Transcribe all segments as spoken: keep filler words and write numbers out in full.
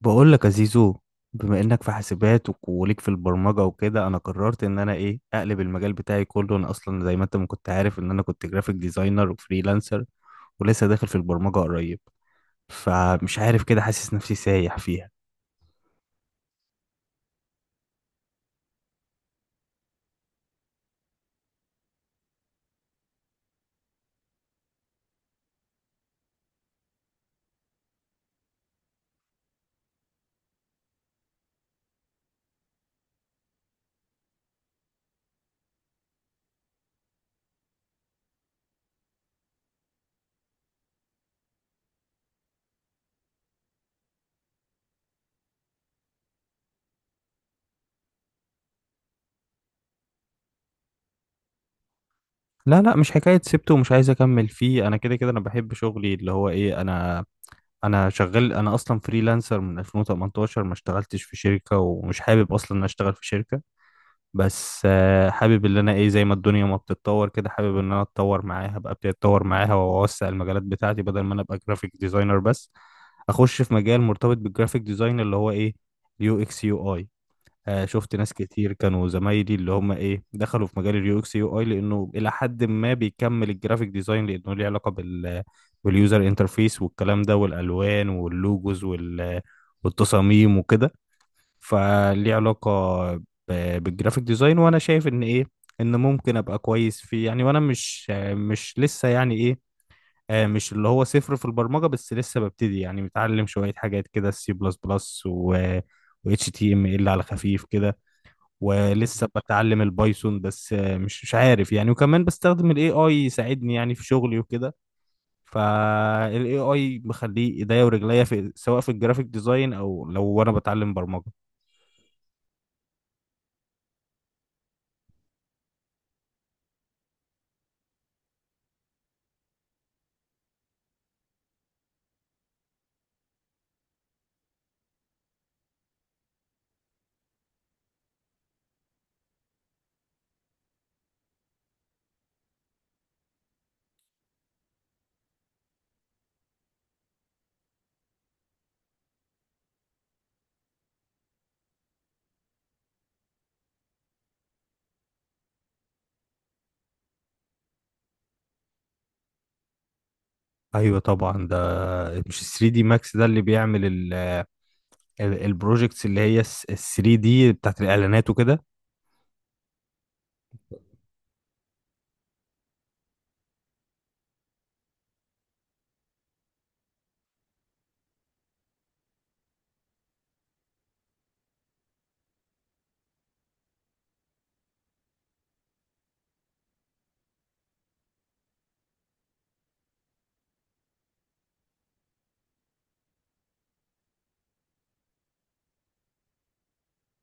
بقول لك يا زيزو. بما انك في حاسبات وك- وليك في البرمجه وكده، انا قررت ان انا ايه اقلب المجال بتاعي كله. انا اصلا زي ما انت ما كنت عارف ان انا كنت جرافيك ديزاينر وفريلانسر، ولسه داخل في البرمجه قريب، فمش عارف كده حاسس نفسي سايح فيها. لا لا، مش حكايه سبته ومش عايز اكمل فيه. انا كده كده انا بحب شغلي اللي هو ايه، انا انا شغال. انا اصلا فريلانسر من ألفين وتمنتاشر، ما اشتغلتش في شركه ومش حابب اصلا ان أنا اشتغل في شركه. بس آه، حابب ان انا ايه، زي ما الدنيا ما بتتطور كده حابب ان انا اتطور معاها، ابقى ابتدي اتطور معاها واوسع المجالات بتاعتي بدل ما انا ابقى جرافيك ديزاينر بس. اخش في مجال مرتبط بالجرافيك ديزاين اللي هو ايه، يو اكس يو اي. شفت ناس كتير كانوا زمايلي اللي هم ايه دخلوا في مجال اليو اكس يو اي لانه الى حد ما بيكمل الجرافيك ديزاين، لانه ليه علاقة بال، باليوزر انترفيس والكلام ده والالوان واللوجوز وال، والتصاميم وكده. فليه علاقة ب- بالجرافيك ديزاين، وانا شايف ان ايه، ان ممكن ابقى كويس فيه يعني. وانا مش مش لسه يعني ايه، آه، مش اللي هو صفر في البرمجة، بس لسه ببتدي يعني، متعلم شوية حاجات كده، السي بلس بلس و، و H T M L على خفيف كده. ولسه بتعلم البايثون، بس آه، مش مش عارف يعني. وكمان بستخدم ال اي آي يساعدني يعني في شغلي وكده. فال اي آي مخليه ايديا ورجليا، في سواء في الجرافيك ديزاين او لو وانا بتعلم برمجة. ايوه طبعا، ده مش ثري دي ماكس ده اللي بيعمل البروجكتس اللي هي تلاتة دي بتاعت الاعلانات وكده؟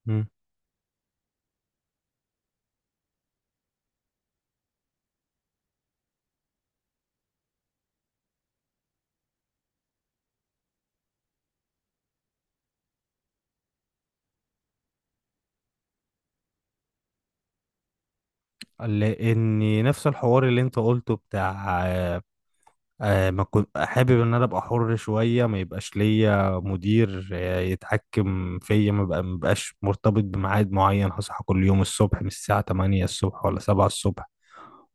مم. لان نفس الحوار اللي انت قلته بتاع آه، آه، ما كنت حابب ان انا ابقى حر شويه، ما يبقاش ليا مدير آه، يتحكم فيا، ما بقى- ما بقاش مرتبط بميعاد معين، هصحى كل يوم الصبح من الساعه تمانية الصبح ولا سبعة الصبح،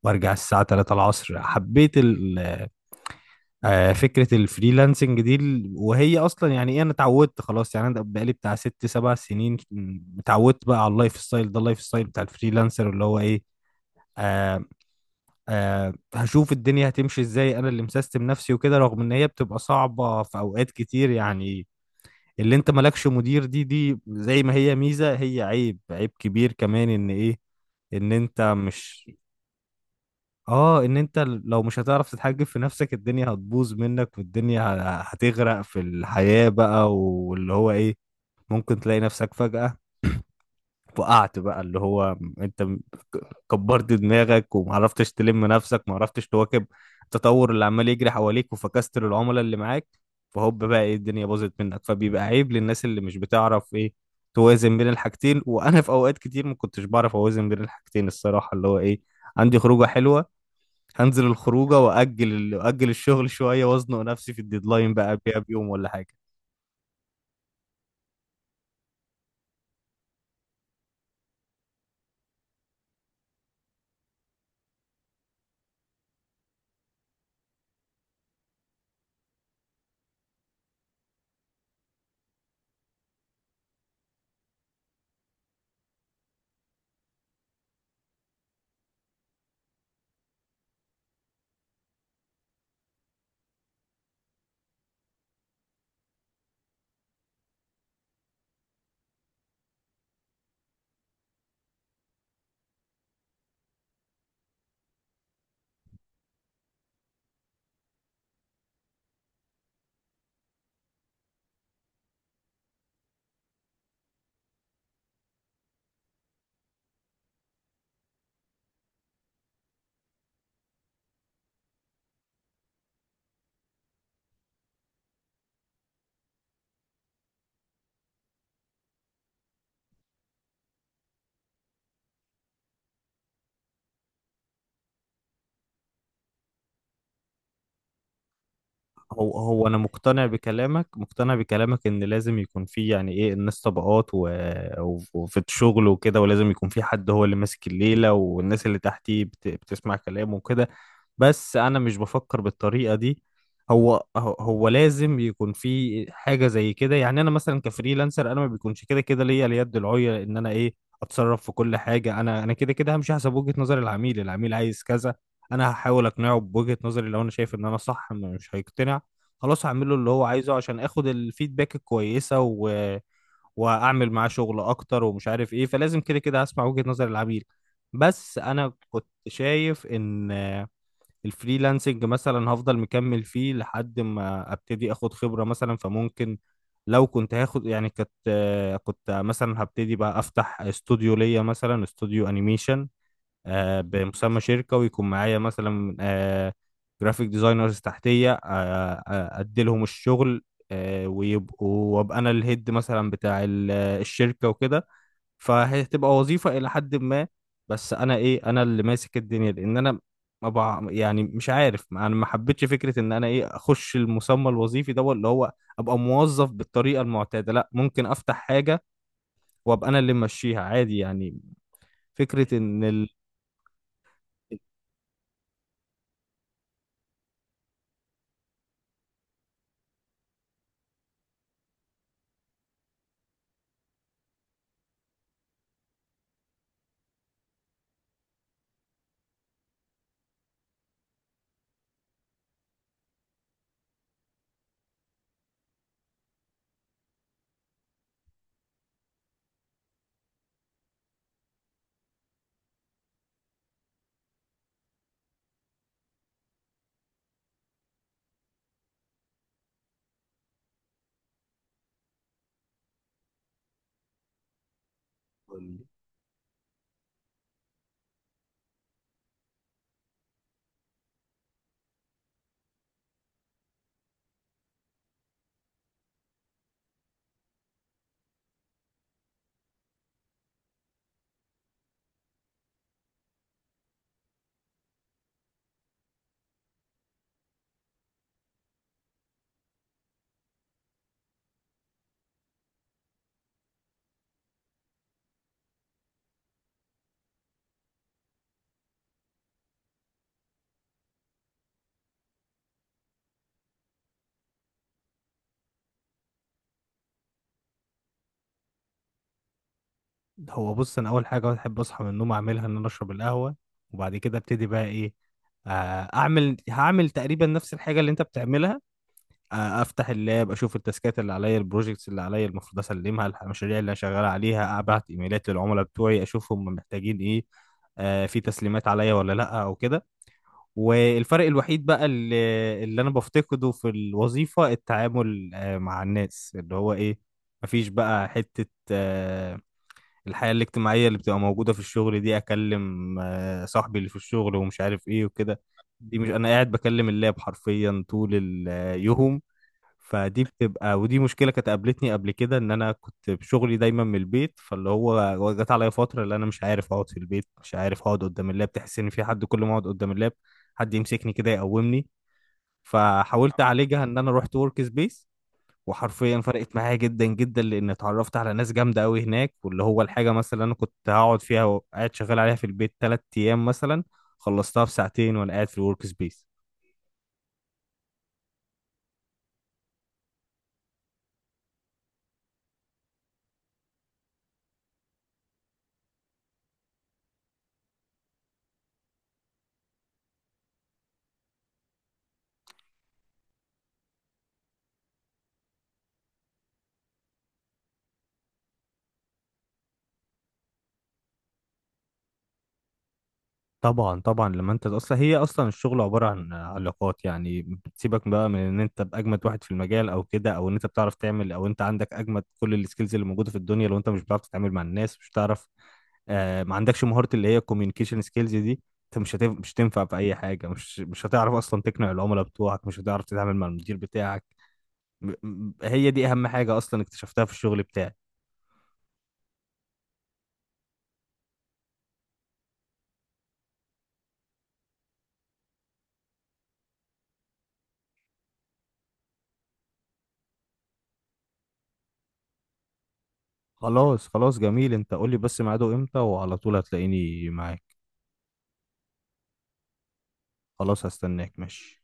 وارجع الساعه ثلاثة العصر. حبيت آه، فكرة الفريلانسنج دي. ال- وهي أصلا يعني إيه، أنا اتعودت خلاص، يعني أنا بقالي بتاع ست سبع سنين، م- اتعودت بقى على اللايف ستايل ده، اللايف ستايل بتاع الفريلانسر اللي هو إيه، آه آه هشوف الدنيا هتمشي إزاي. أنا اللي مسيستم نفسي وكده، رغم إن هي بتبقى صعبة في أوقات كتير يعني. اللي أنت مالكش مدير، دي دي زي ما هي ميزة هي عيب، عيب كبير كمان، إن إيه، إن أنت مش. اه، ان انت لو مش هتعرف تتحجب في نفسك الدنيا هتبوظ منك، والدنيا ه- هتغرق في الحياة بقى، واللي هو ايه، ممكن تلاقي نفسك فجأة وقعت بقى، اللي هو انت م- كبرت دماغك ومعرفتش تلم نفسك، معرفتش تواكب التطور اللي عمال يجري حواليك، وفكست للعملاء اللي معاك. فهوب بقى ايه، الدنيا باظت منك. فبيبقى عيب للناس اللي مش بتعرف ايه، توازن بين الحاجتين. وانا في اوقات كتير ما كنتش بعرف اوازن بين الحاجتين الصراحة، اللي هو ايه، عندي خروجة حلوة، هنزل الخروجه واجل، واجل الشغل شويه، وازنق نفسي في الديدلاين بقى قبلها بيوم ولا حاجه. هو هو انا مقتنع بكلامك، مقتنع بكلامك ان لازم يكون في يعني ايه، الناس طبقات و... وفي الشغل وكده، ولازم يكون في حد هو اللي ماسك الليلة، والناس اللي تحتيه بت... بتسمع كلامه وكده. بس انا مش بفكر بالطريقة دي. هو هو هو لازم يكون في حاجة زي كده يعني. انا مثلا كفريلانسر انا ما بيكونش كده كده ليا اليد العليا ان انا ايه، اتصرف في كل حاجة. انا انا كده كده همشي حسب وجهة نظر العميل، العميل عايز كذا، انا هحاول اقنعه بوجهة نظري. لو انا شايف ان انا صح مش هيقتنع، خلاص هعمله اللي هو عايزه عشان اخد الفيدباك الكويسه و... واعمل معاه شغل اكتر، ومش عارف ايه. فلازم كده كده هسمع وجهة نظر العميل. بس انا كنت شايف ان آه، الفريلانسنج مثلا هفضل مكمل فيه لحد ما ابتدي اخد خبرة مثلا. فممكن لو كنت هاخد يعني، كنت آه، كنت مثلا هبتدي بقى افتح استوديو ليا، مثلا استوديو انيميشن آه، بمسمى شركة، ويكون معايا مثلا آه، جرافيك ديزاينرز تحتية، آه، آه، أديلهم الشغل آه، ويبقوا، وأبقى أنا الهيد مثلا بتاع ال- الشركة وكده. فهتبقى وظيفة إلى حد ما، بس أنا إيه أنا اللي ماسك الدنيا، لأن أنا ما بع... يعني مش عارف، أنا ما حبيتش فكرة إن أنا إيه أخش المسمى الوظيفي ده اللي هو، أبقى موظف بالطريقة المعتادة. لأ ممكن أفتح حاجة وأبقى أنا اللي ماشيها عادي يعني. فكرة إن ال... هو بص، انا اول حاجه بحب اصحى من النوم اعملها ان انا اشرب القهوه. وبعد كده ابتدي بقى ايه، آه، اعمل هعمل تقريبا نفس الحاجه اللي انت بتعملها. آه، افتح اللاب، اشوف التاسكات اللي عليا، البروجكتس اللي عليا المفروض اسلمها، المشاريع اللي انا شغال عليها، ابعت ايميلات للعملاء بتوعي اشوف هم محتاجين ايه، آه، في تسليمات عليا ولا لا او كده. والفرق الوحيد بقى اللي, اللي انا بفتقده في الوظيفه التعامل آه، مع الناس، اللي هو ايه، مفيش بقى حته آه، الحياة الاجتماعية اللي بتبقى موجودة في الشغل دي. أكلم آه، صاحبي اللي في الشغل، ومش عارف إيه وكده. دي مش، أنا قاعد بكلم اللاب حرفيا طول اليوم. فدي بتبقى، ودي مشكلة كانت قابلتني قبل كده، إن أنا كنت بشغلي دايما من البيت. فاللي هو جت عليا فترة اللي أنا مش عارف أقعد في البيت، مش عارف أقعد قدام اللاب، تحس إن في حد كل ما أقعد قدام اللاب حد يمسكني كده يقومني. فحاولت أعالجها إن أنا رحت ورك سبيس، وحرفيا فرقت معايا جدا جدا، لان اتعرفت على ناس جامده قوي هناك. واللي هو الحاجه مثلا اللي انا كنت هقعد فيها وقاعد شغال عليها في البيت ثلاث ايام مثلا، خلصتها في ساعتين وانا قاعد في الورك سبيس. طبعا طبعا، لما انت اصلا، هي اصلا الشغل عباره عن علاقات يعني. بتسيبك بقى من ان انت باجمد واحد في المجال او كده، او ان انت بتعرف تعمل، او انت عندك اجمد كل السكيلز اللي موجوده في الدنيا، لو انت مش بتعرف تتعامل مع الناس، مش بتعرف آه ما عندكش مهاره اللي هي الكوميونيكيشن سكيلز دي، انت مش هتف... مش هتنفع في اي حاجه، مش مش هتعرف اصلا تقنع العملاء بتوعك، مش هتعرف تتعامل مع المدير بتاعك. م- م- هي دي اهم حاجه اصلا اكتشفتها في الشغل بتاعي. خلاص خلاص جميل، انت قول لي بس ميعاده امتى وعلى طول هتلاقيني معاك. خلاص هستناك، ماشي.